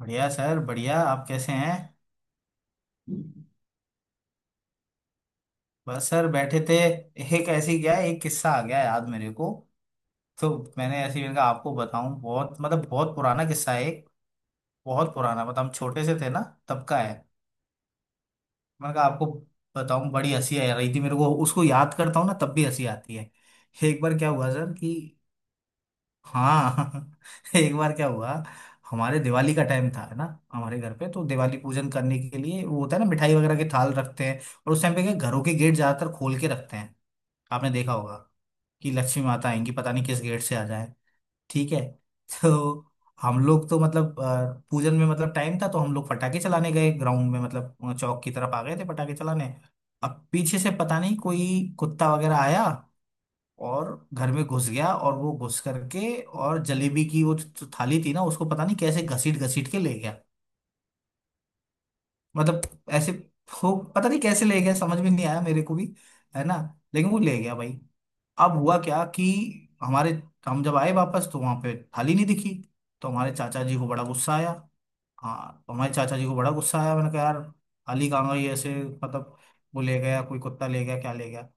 बढ़िया सर, बढ़िया। आप कैसे हैं? बस सर, बैठे थे। एक ऐसी क्या एक किस्सा आ गया याद मेरे को। तो मैंने ऐसे ही, मैंने कहा आपको बताऊं, बहुत मतलब बहुत पुराना किस्सा है एक। बहुत पुराना, मतलब हम छोटे से थे ना, तब का है। मैंने कहा आपको बताऊं, बड़ी हंसी आ रही थी मेरे को, उसको याद करता हूँ ना तब भी हंसी आती है। एक बार क्या हुआ सर कि हाँ एक बार क्या हुआ। हमारे दिवाली का टाइम था ना। हमारे घर पे तो दिवाली पूजन करने के लिए वो होता है ना, मिठाई वगैरह के थाल रखते हैं। और उस टाइम पे क्या घरों के गेट ज्यादातर खोल के रखते हैं। आपने देखा होगा कि लक्ष्मी माता आएंगी, पता नहीं किस गेट से आ जाए। ठीक है। तो हम लोग तो मतलब पूजन में मतलब टाइम था, तो हम लोग पटाखे चलाने गए ग्राउंड में, मतलब चौक की तरफ आ गए थे पटाखे चलाने। अब पीछे से पता नहीं कोई कुत्ता वगैरह आया और घर में घुस गया, और वो घुस करके और जलेबी की वो जो थाली थी ना उसको पता नहीं कैसे घसीट घसीट के ले गया। मतलब ऐसे। वो पता नहीं कैसे ले गया, समझ में नहीं आया मेरे को भी। है ना। लेकिन वो ले गया भाई। अब हुआ क्या कि हमारे हम जब आए वापस तो वहां पे थाली नहीं दिखी। तो हमारे चाचा जी को बड़ा गुस्सा आया। हाँ, तो हमारे चाचा जी को बड़ा गुस्सा आया, मैंने कहा यार थाली कहाँ गई, ऐसे मतलब वो ले गया, कोई कुत्ता ले गया, क्या ले गया।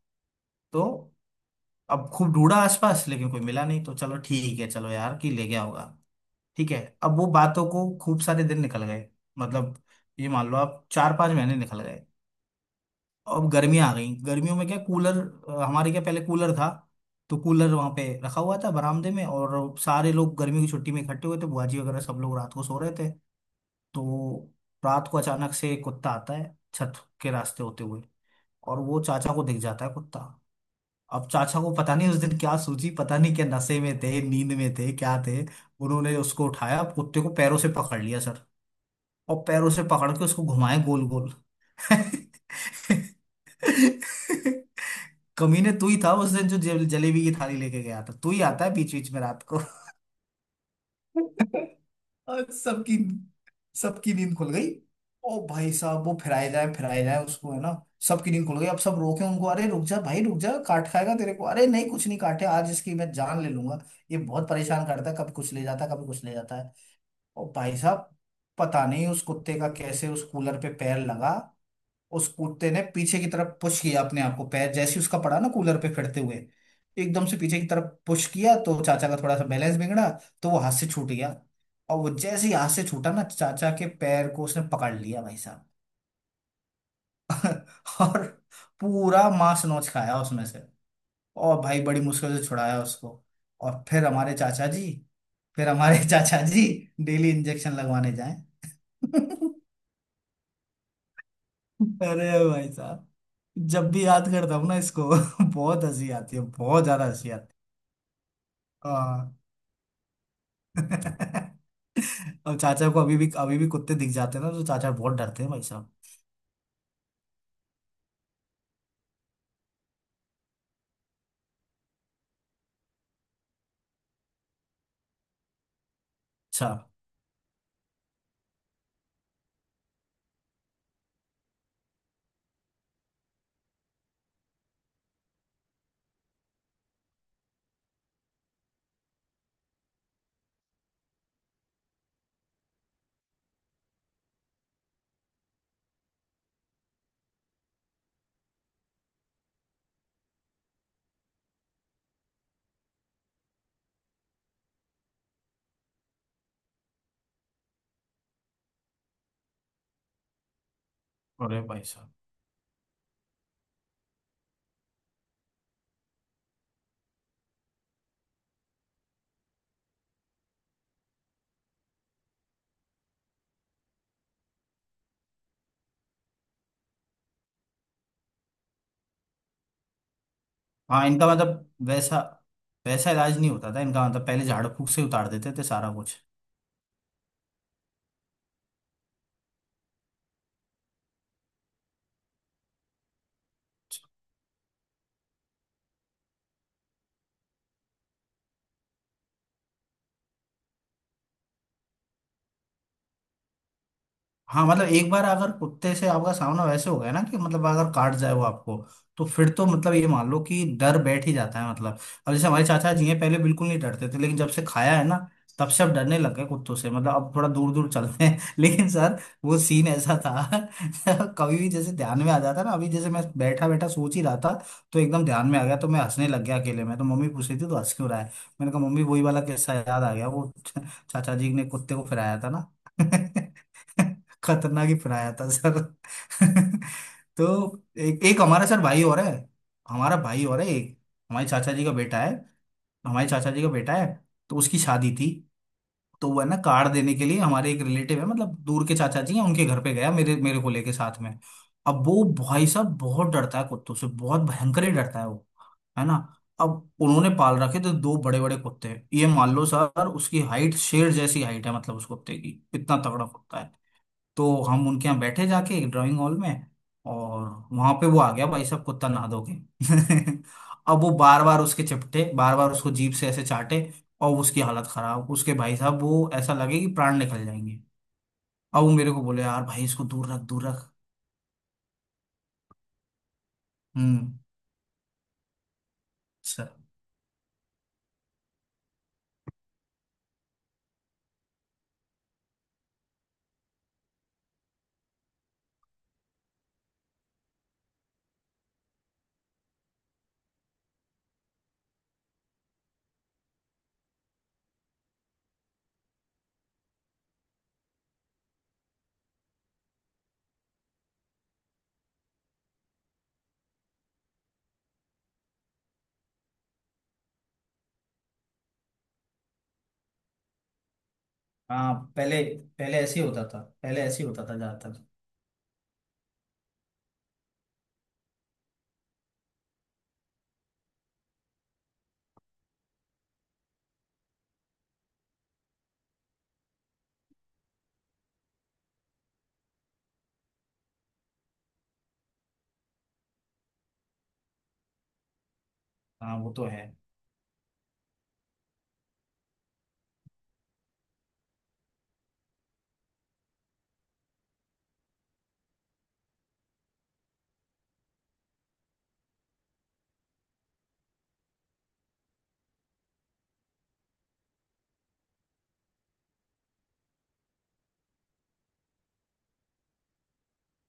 तो अब खूब ढूंढा आसपास, लेकिन कोई मिला नहीं, तो चलो ठीक है, चलो यार कि ले गया होगा। ठीक है। अब वो बातों को खूब सारे दिन निकल गए, मतलब ये मान लो आप 4-5 महीने निकल गए। अब गर्मियां आ गई, गर्मियों में क्या कूलर, हमारे क्या पहले कूलर था। तो कूलर वहां पे रखा हुआ था बरामदे में, और सारे लोग गर्मी की छुट्टी में इकट्ठे हुए थे बुआ जी वगैरह, सब लोग रात को सो रहे थे। तो रात को अचानक से कुत्ता आता है छत के रास्ते होते हुए, और वो चाचा को दिख जाता है कुत्ता। अब चाचा को पता नहीं उस दिन क्या सूझी, पता नहीं क्या नशे में थे, नींद में थे, क्या थे। उन्होंने उसको उठाया, कुत्ते को पैरों से पकड़ लिया सर। और पैरों से पकड़ के उसको घुमाए गोल गोल। कमीने, तू ही था उस दिन जो जलेबी की थाली लेके गया था, तू ही आता है बीच बीच में रात को। और सबकी सबकी नींद खुल गई। ओ भाई साहब, वो फिराए जाए उसको, है ना। सबकी नींद खुल गई, अब सब रोके उनको, अरे रुक जा भाई रुक जा, काट खाएगा तेरे को, अरे नहीं कुछ नहीं, काटे आज इसकी मैं जान ले लूंगा, ये बहुत परेशान करता है, कभी कुछ ले जाता है, कभी कुछ ले जाता है। और भाई साहब पता नहीं उस कुत्ते का कैसे उस कूलर पे पैर लगा। उस कुत्ते ने पीछे की तरफ पुश किया अपने आप को, पैर जैसे ही उसका पड़ा ना कूलर पे फिरते हुए, एकदम से पीछे की तरफ पुश किया, तो चाचा का थोड़ा सा बैलेंस बिगड़ा, तो वो हाथ से छूट गया। और वो जैसे ही हाथ से छूटा ना, चाचा के पैर को उसने पकड़ लिया भाई साहब। और पूरा मांस नोच खाया उसमें से। और भाई बड़ी मुश्किल से छुड़ाया उसको। और फिर हमारे चाचा जी, फिर हमारे चाचा जी डेली इंजेक्शन लगवाने जाए। अरे भाई साहब, जब भी याद करता हूँ ना इसको बहुत हंसी आती है, बहुत ज्यादा हंसी आती है। हाँ। अब चाचा को अभी भी कुत्ते दिख जाते हैं ना, तो चाचा बहुत डरते हैं भाई साहब। अच्छा। अरे भाई साहब। हाँ, इनका मतलब वैसा, वैसा इलाज नहीं होता था इनका, मतलब पहले झाड़ फूक से उतार देते थे सारा कुछ। हाँ, मतलब एक बार अगर कुत्ते से आपका सामना वैसे हो गया ना कि मतलब अगर काट जाए वो आपको, तो फिर तो मतलब ये मान लो कि डर बैठ ही जाता है, मतलब अब जैसे हमारे चाचा जी हैं, पहले बिल्कुल नहीं डरते थे लेकिन जब से खाया है ना तब से अब डरने लग गए कुत्तों से, मतलब अब थोड़ा दूर दूर चलते हैं। लेकिन सर वो सीन ऐसा था। कभी भी जैसे ध्यान में आ जाता ना, अभी जैसे मैं बैठा बैठा सोच ही रहा था तो एकदम ध्यान में आ गया तो मैं हंसने लग गया अकेले में, तो मम्मी पूछ रही थी तो हंस क्यों रहा है। मैंने कहा मम्मी वही वाला किस्सा याद आ गया वो, चाचा जी ने कुत्ते को फिराया था ना। खतरनाक ही पढ़ाया था सर। तो एक एक हमारा सर भाई और है, हमारा भाई और है एक, हमारे चाचा जी का बेटा है। हमारे चाचा जी का बेटा है। तो उसकी शादी थी, तो वह ना कार्ड देने के लिए हमारे एक रिलेटिव है, मतलब दूर के चाचा जी हैं, उनके घर पे गया मेरे मेरे को लेके साथ में। अब वो भाई साहब बहुत डरता है कुत्तों से, बहुत भयंकर ही डरता है वो, है ना। अब उन्होंने पाल रखे थे दो बड़े बड़े कुत्ते। ये मान लो सर उसकी हाइट शेर जैसी हाइट है, मतलब उस कुत्ते की, इतना तगड़ा कुत्ता है। तो हम उनके यहाँ बैठे जाके एक ड्राइंग हॉल में, और वहां पे वो आ गया भाई साहब कुत्ता नहा धो के। अब वो बार बार उसके चिपटे, बार बार उसको जीभ से ऐसे चाटे, और उसकी हालत खराब, उसके भाई साहब वो ऐसा लगे कि प्राण निकल जाएंगे। अब वो मेरे को बोले यार भाई इसको दूर रख, दूर रख। हम्म। सर। हाँ पहले पहले ऐसे ही होता था, पहले ऐसे ही होता था ज्यादातर। हाँ वो तो है।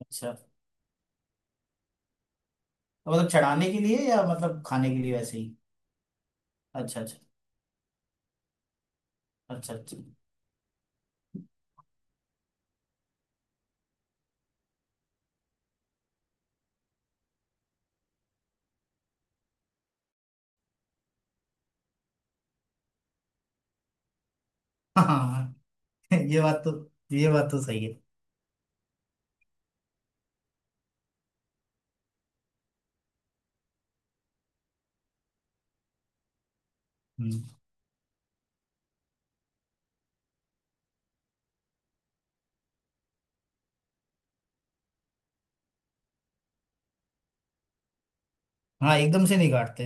अच्छा। तो मतलब चढ़ाने के लिए या मतलब खाने के लिए वैसे ही? अच्छा अच्छा। अच्छा अच्छा। हाँ। ये बात तो, ये बात तो सही है। हम्म। हाँ, एकदम से नहीं काटते।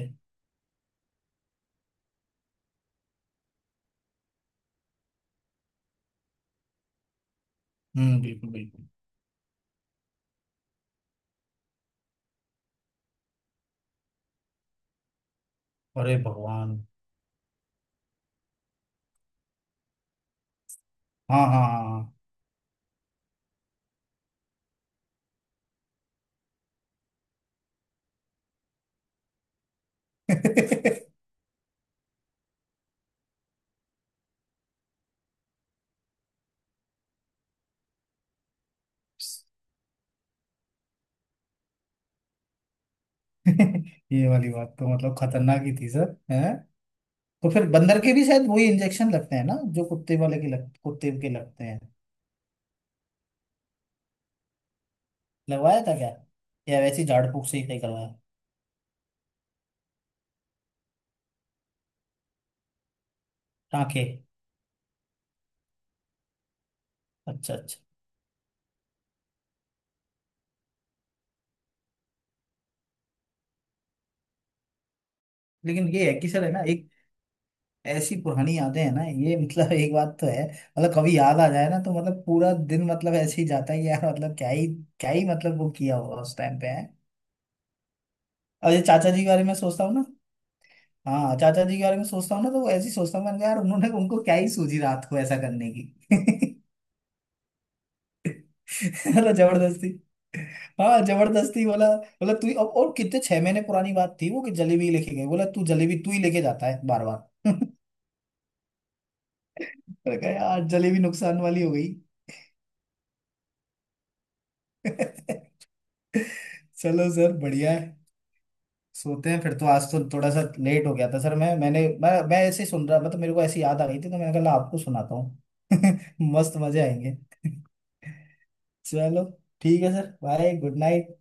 हम्म, बिल्कुल बिल्कुल। अरे भगवान। हाँ हाँ हाँ हाँ। ये वाली बात तो मतलब खतरनाक ही थी सर, है। तो फिर बंदर के भी शायद वही इंजेक्शन लगते हैं ना जो कुत्ते वाले के कुत्ते के लगते हैं। लगवाया था क्या? या वैसे ही झाड़ फूक से ही कहीं करवाया? टाँके। अच्छा अच्छा। लेकिन ये है कि सर है ना एक, ऐसी पुरानी यादें हैं ना ये, मतलब एक बात तो है, मतलब कभी याद आ जाए ना तो मतलब पूरा दिन मतलब ऐसे ही जाता है कि यार मतलब क्या ही, क्या ही मतलब वो किया हुआ उस टाइम पे है। अब ये चाचा जी के बारे में सोचता हूँ ना, हाँ चाचा जी के बारे में सोचता हूँ ना तो वो ऐसी सोचता हूँ, मैंने कहा, यार उन्होंने उनको क्या ही सूझी रात को ऐसा करने की। मतलब जबरदस्ती, हाँ जबरदस्ती बोला बोला अब और कितने 6 महीने पुरानी बात थी वो कि जलेबी लेके गए, बोला तू जलेबी तू ही लेके जाता है बार बार। मैंने कहा यार जलेबी नुकसान वाली हो गई। चलो सर बढ़िया है। सोते हैं फिर, तो आज तो थोड़ा सा लेट हो गया था सर, मैं मैंने मैं ऐसे ही सुन रहा था तो मेरे को ऐसी याद आ गई थी तो मैंने कहा आपको सुनाता हूँ। मस्त मजे आएंगे। चलो ठीक है सर, बाय गुड नाइट।